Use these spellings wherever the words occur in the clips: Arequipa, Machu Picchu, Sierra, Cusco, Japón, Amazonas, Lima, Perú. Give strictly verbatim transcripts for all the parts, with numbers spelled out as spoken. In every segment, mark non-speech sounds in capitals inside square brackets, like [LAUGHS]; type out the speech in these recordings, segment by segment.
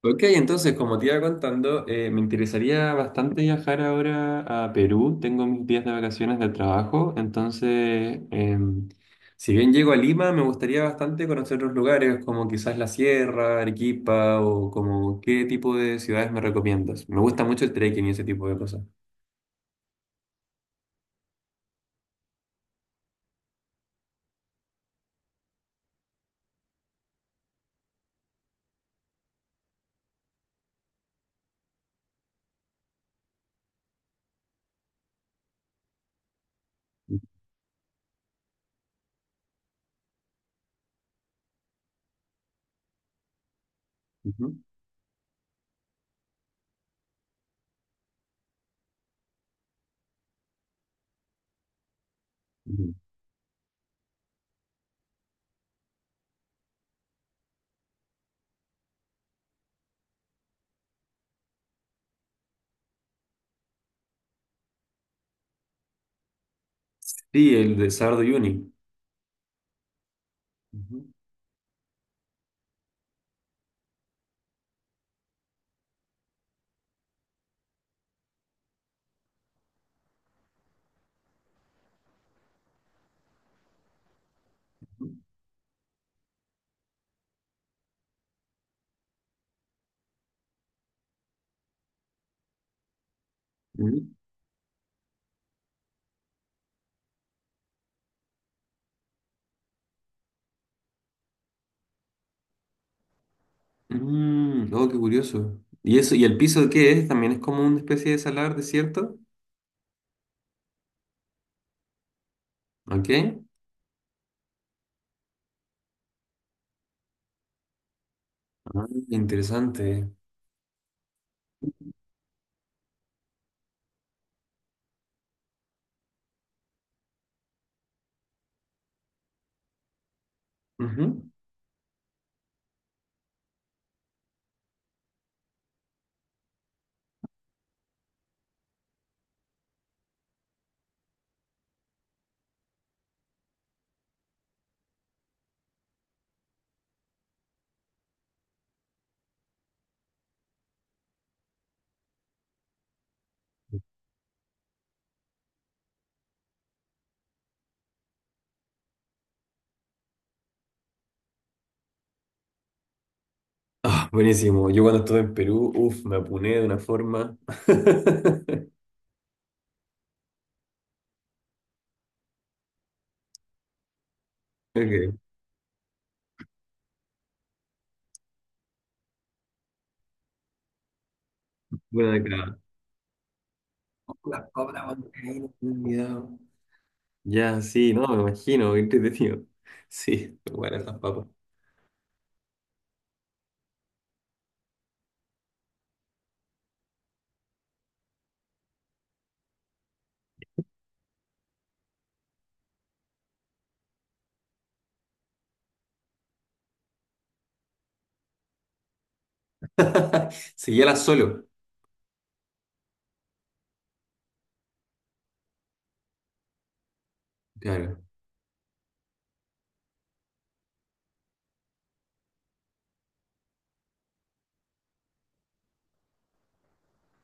Ok, entonces, como te iba contando, eh, me interesaría bastante viajar ahora a Perú. Tengo mis días de vacaciones del trabajo, entonces, em, si bien llego a Lima, me gustaría bastante conocer otros lugares, como quizás la Sierra, Arequipa, o como qué tipo de ciudades me recomiendas. Me gusta mucho el trekking y ese tipo de cosas. Ujú, ujú. Sí, el de Sardo Uni. Ujú, ujú. Mm, oh, qué curioso. ¿Y eso, y el piso qué es? ¿También es como una especie de salar, desierto? ¿Ok? Ah, interesante. Ujú. Ah, buenísimo. Yo cuando estuve en Perú, uff, me apuné de una forma. [LAUGHS] Ok, buena década. Las cobras bancaínas, me he olvidado. Ya, sí, no, me imagino, qué entretenido. Sí, bueno, esas papas. [LAUGHS] Seguíala solo. Claro.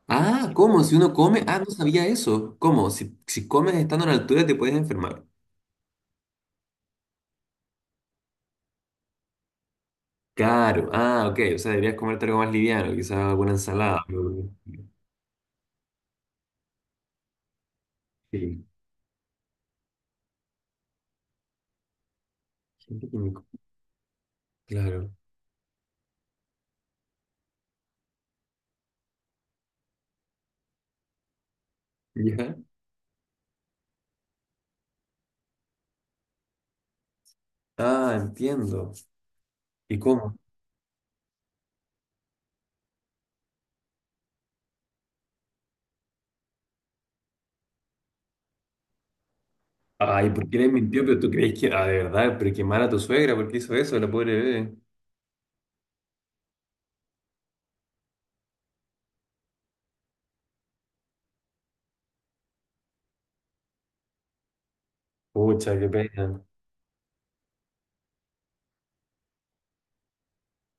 Ah, ¿cómo? Si uno come. Ah, no sabía eso. ¿Cómo? Si, si comes estando a la altura te puedes enfermar. Claro. Ah, ok. O sea, deberías comerte algo más liviano, quizás alguna ensalada. Algo... Sí. Gente químico. Claro. ¿Ya? Ah, entiendo. ¿Y cómo? Ay, ¿por qué le mintió? Pero tú crees que. Ah, de verdad, pero quemar a tu suegra, ¿por qué hizo eso, la pobre bebé? Pucha, qué pena.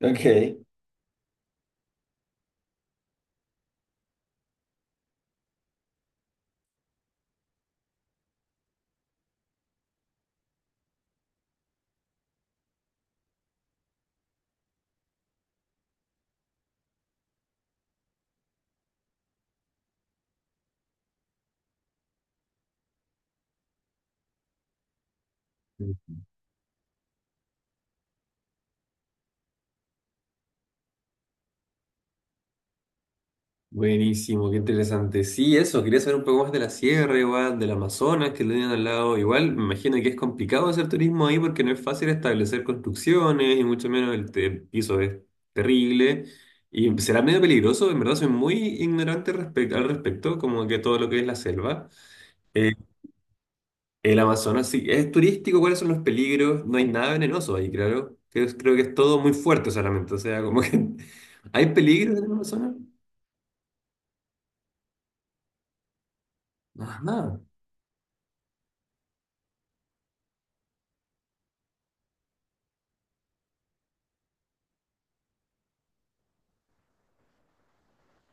Ok. Buenísimo, qué interesante. Sí, eso, quería saber un poco más de la sierra, igual, del Amazonas que lo tienen al lado. Igual, me imagino que es complicado hacer turismo ahí porque no es fácil establecer construcciones y mucho menos el te- piso es terrible. Y será medio peligroso, en verdad soy muy ignorante respect- al respecto, como que todo lo que es la selva. Eh, el Amazonas sí, es turístico, ¿cuáles son los peligros? No hay nada venenoso ahí, claro. Creo, creo que es todo muy fuerte solamente, o sea, como que... [LAUGHS] ¿Hay peligros en el Amazonas? Ajá.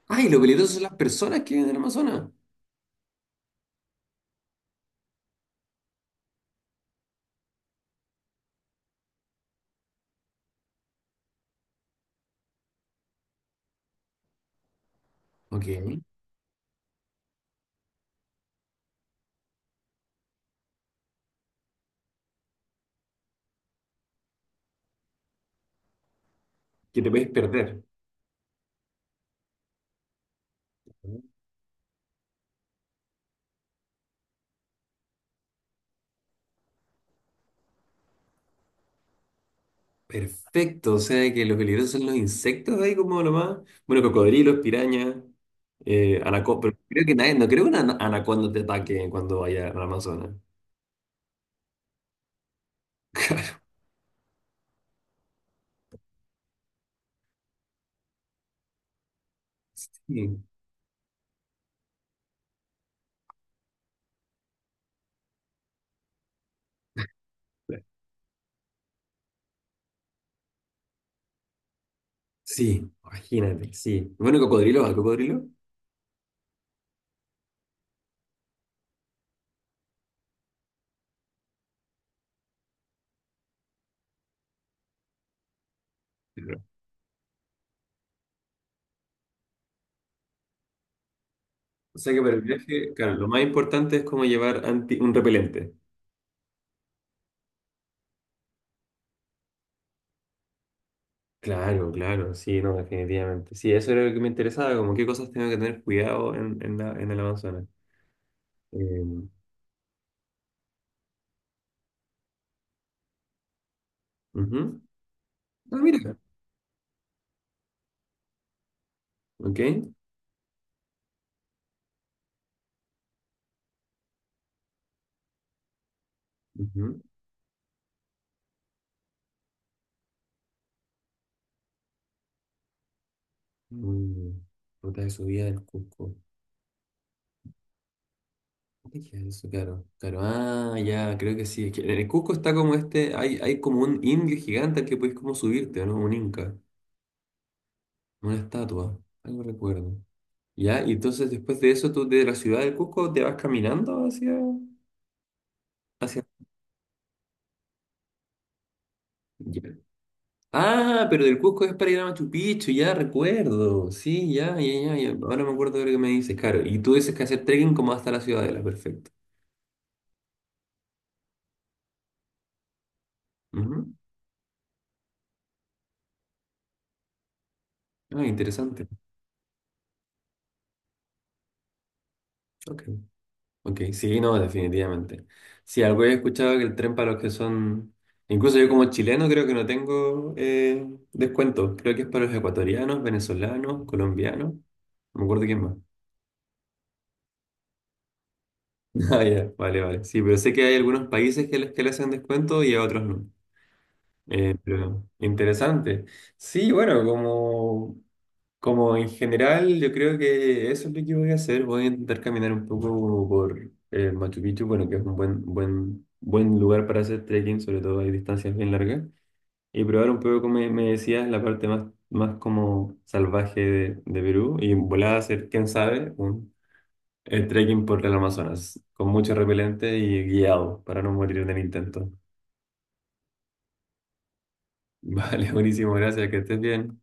Ay, lo peligroso son las personas que viven en el Amazonas. Ok, que te puedes perder. Perfecto, o sea que lo peligroso son los insectos ahí como nomás. Bueno, cocodrilos, pirañas, eh, anaco- pero creo que nadie, no creo que una ana- anaconda te ataque cuando vaya al Amazonas. Sí, sí, imagínate, sí. Bueno, cocodrilo, ¿al cocodrilo? Pero, o sea que para el viaje, claro, lo más importante es como llevar anti- un repelente. Claro, claro, sí, no, definitivamente. Sí, eso era lo que me interesaba, como qué cosas tengo que tener cuidado en, en la, en el Amazonas. Eh, ujú. Ah, mira, ok. Ujú. Mm, ruta de subida del Cusco. ¿Qué es eso? Claro, claro. Ah, ya, creo que sí. Es que en el Cusco está como este, hay, hay como un indio gigante al que puedes como subirte, ¿o no? Un inca, una estatua, algo recuerdo. Ya, y entonces después de eso tú de la ciudad del Cusco te vas caminando hacia... hacia... Ya. Ah, pero del Cusco es para ir a Machu Picchu, ya recuerdo. Sí, ya, ya, ya, ya. Ahora me acuerdo de lo que me dices, claro. Y tú dices que hacer trekking como hasta la ciudadela, perfecto. Ujú. Ah, interesante. Ok. Ok, sí, no, definitivamente. Sí, algo he escuchado que el tren para los que son. Incluso yo como chileno creo que no tengo eh, descuento. Creo que es para los ecuatorianos, venezolanos, colombianos. No me acuerdo quién más. [LAUGHS] Ah, ya, vale, vale. Sí, pero sé que hay algunos países que les, que le hacen descuento y a otros no. Eh, pero interesante. Sí, bueno, como, como en general, yo creo que eso es lo que voy a hacer. Voy a intentar caminar un poco por eh, Machu Picchu, bueno, que es un buen, buen, buen lugar para hacer trekking, sobre todo hay distancias bien largas. Y probar un poco, como me, me decías, la parte más, más como salvaje de, de Perú. Y volar a hacer, quién sabe, un eh, trekking por el Amazonas, con mucho repelente y guiado, para no morir en el intento. [LAUGHS] Vale, buenísimo, gracias, que estés bien.